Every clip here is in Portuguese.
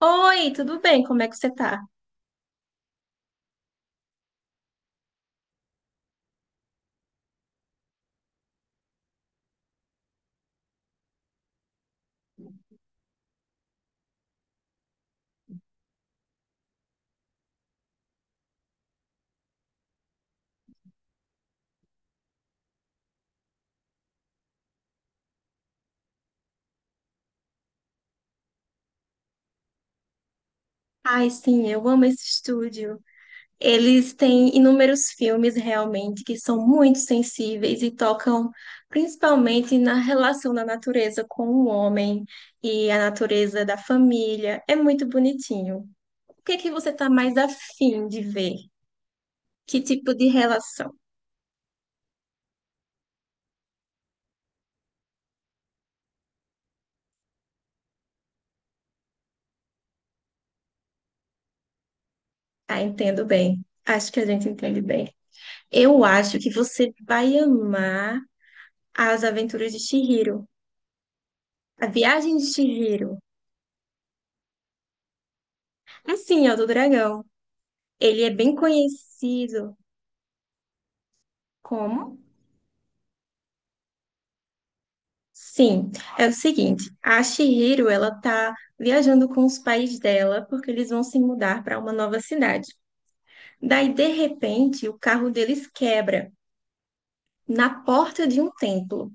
Oi, tudo bem? Como é que você tá? Ai, sim, eu amo esse estúdio. Eles têm inúmeros filmes realmente que são muito sensíveis e tocam principalmente na relação da natureza com o homem e a natureza da família. É muito bonitinho. O que é que você está mais afim de ver? Que tipo de relação? Ah, entendo bem. Acho que a gente entende bem. Eu acho que você vai amar As Aventuras de Chihiro. A Viagem de Chihiro. Assim, ó, do dragão. Ele é bem conhecido como? Sim, é o seguinte, a Chihiro, ela tá viajando com os pais dela porque eles vão se mudar para uma nova cidade. Daí, de repente, o carro deles quebra na porta de um templo.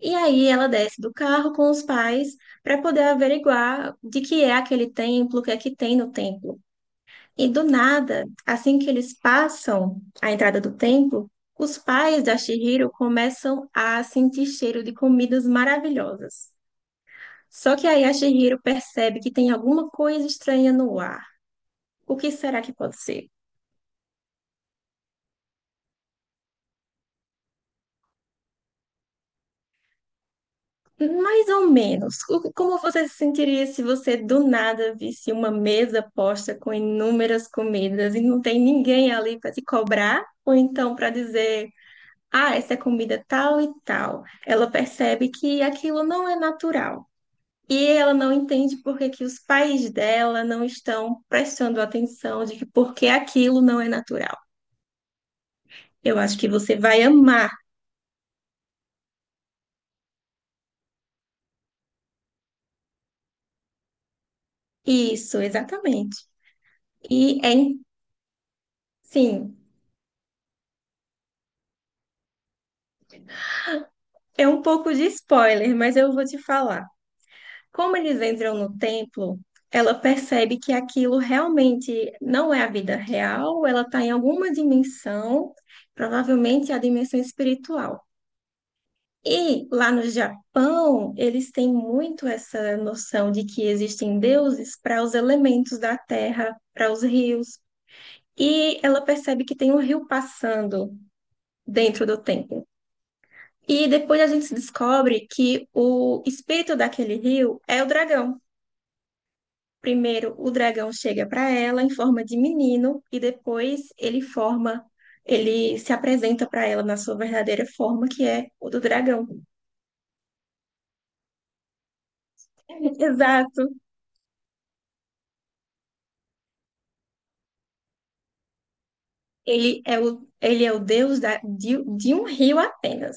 E aí ela desce do carro com os pais para poder averiguar de que é aquele templo, o que é que tem no templo. E do nada, assim que eles passam a entrada do templo, os pais da Chihiro começam a sentir cheiro de comidas maravilhosas. Só que aí a Chihiro percebe que tem alguma coisa estranha no ar. O que será que pode ser? Mais ou menos. Como você se sentiria se você do nada visse uma mesa posta com inúmeras comidas e não tem ninguém ali para te cobrar? Ou então para dizer, ah, essa é comida tal e tal. Ela percebe que aquilo não é natural. E ela não entende por que que os pais dela não estão prestando atenção de que por que aquilo não é natural. Eu acho que você vai amar isso, exatamente. E é, in- sim, é um pouco de spoiler, mas eu vou te falar. Como eles entram no templo, ela percebe que aquilo realmente não é a vida real, ela está em alguma dimensão, provavelmente a dimensão espiritual. E lá no Japão, eles têm muito essa noção de que existem deuses para os elementos da terra, para os rios. E ela percebe que tem um rio passando dentro do templo. E depois a gente descobre que o espírito daquele rio é o dragão. Primeiro, o dragão chega para ela em forma de menino e depois ele forma, ele se apresenta para ela na sua verdadeira forma, que é o do dragão. Exato. Ele é o deus de um rio apenas.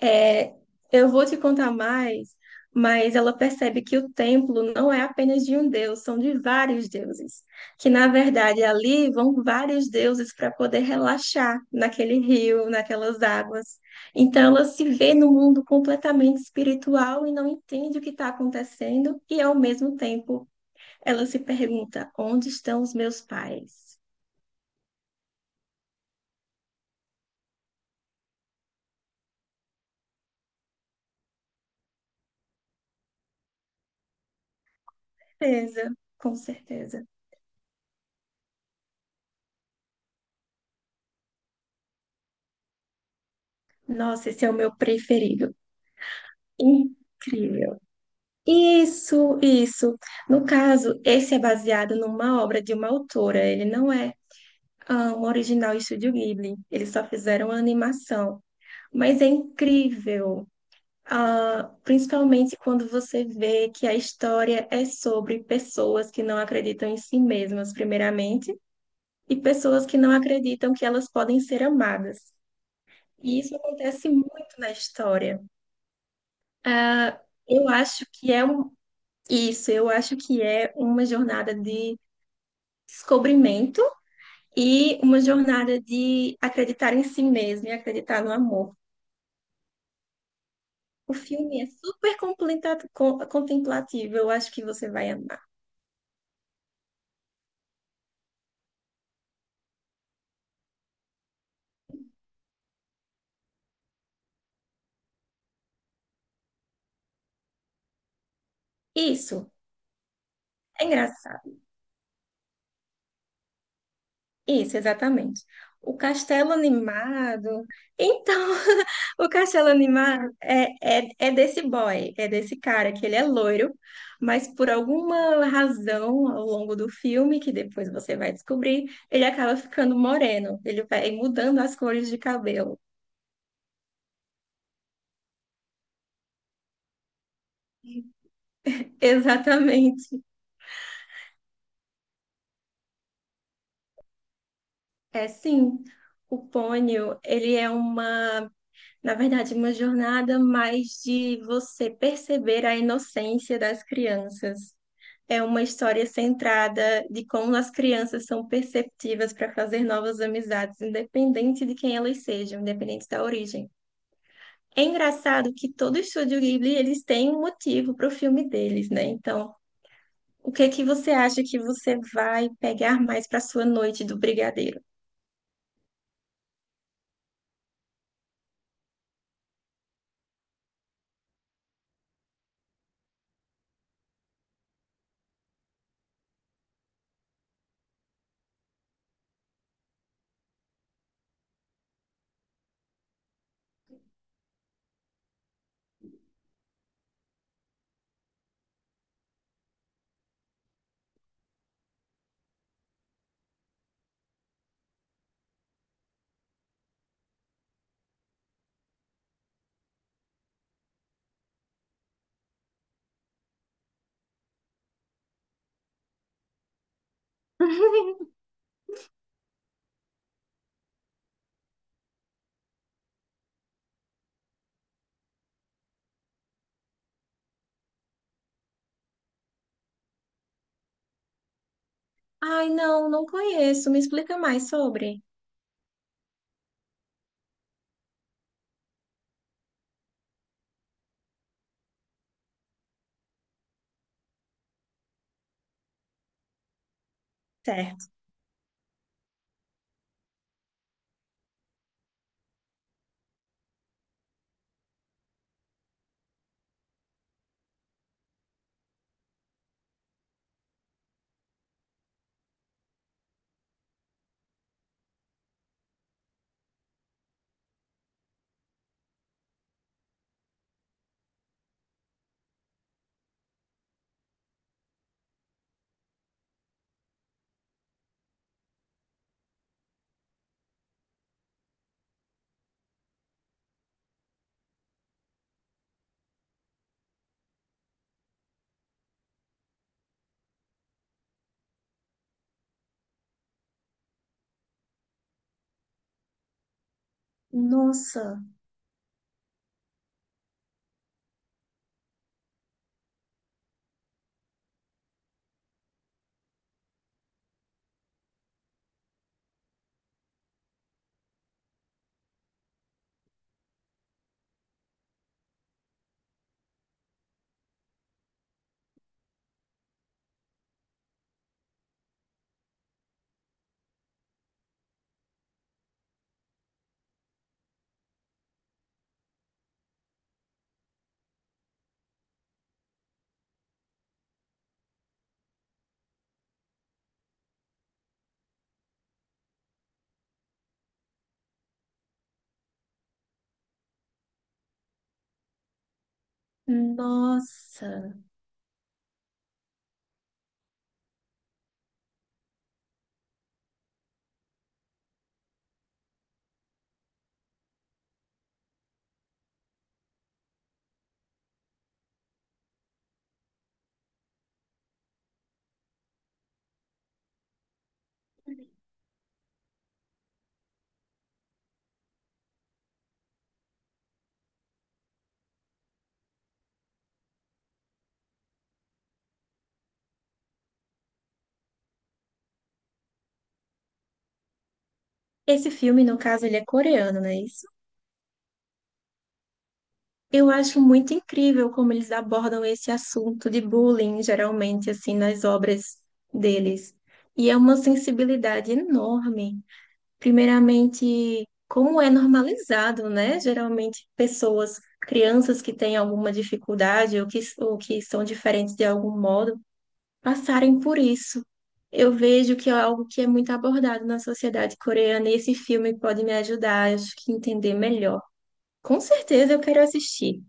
É, eu vou te contar mais, mas ela percebe que o templo não é apenas de um deus, são de vários deuses. Que na verdade ali vão vários deuses para poder relaxar naquele rio, naquelas águas. Então ela se vê no mundo completamente espiritual e não entende o que está acontecendo, e ao mesmo tempo ela se pergunta: onde estão os meus pais? Certeza, com certeza. Nossa, esse é o meu preferido. Incrível. Isso, isso. No caso, esse é baseado numa obra de uma autora. Ele não é um original Estúdio Ghibli. Eles só fizeram a animação. Mas é incrível, principalmente quando você vê que a história é sobre pessoas que não acreditam em si mesmas, primeiramente, e pessoas que não acreditam que elas podem ser amadas. E isso acontece muito na história. Ah, Eu acho que é um, isso, eu acho que é uma jornada de descobrimento e uma jornada de acreditar em si mesmo e acreditar no amor. O filme é super contemplativo, eu acho que você vai amar. Isso, é engraçado. Isso, exatamente. O castelo animado. Então, o castelo animado é, é, é desse boy, é desse cara, que ele é loiro, mas por alguma razão ao longo do filme, que depois você vai descobrir, ele acaba ficando moreno, ele vai mudando as cores de cabelo. Exatamente. É sim. O pônio, ele é uma, na verdade, uma jornada mais de você perceber a inocência das crianças. É uma história centrada de como as crianças são perceptivas para fazer novas amizades, independente de quem elas sejam, independente da origem. É engraçado que todo estúdio Ghibli, eles têm um motivo para o filme deles, né? Então, o que que você acha que você vai pegar mais para sua noite do Brigadeiro? Ai, não, não conheço. Me explica mais sobre. Certo. Nossa, nossa. Esse filme, no caso, ele é coreano, não é isso? Eu acho muito incrível como eles abordam esse assunto de bullying, geralmente, assim, nas obras deles. E é uma sensibilidade enorme. Primeiramente, como é normalizado, né? Geralmente, pessoas, crianças que têm alguma dificuldade ou que são diferentes de algum modo, passarem por isso. Eu vejo que é algo que é muito abordado na sociedade coreana e esse filme pode me ajudar, acho que entender melhor. Com certeza eu quero assistir.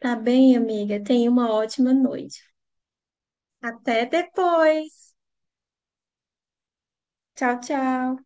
Tá bem, amiga? Tenha uma ótima noite. Até depois. Tchau, tchau.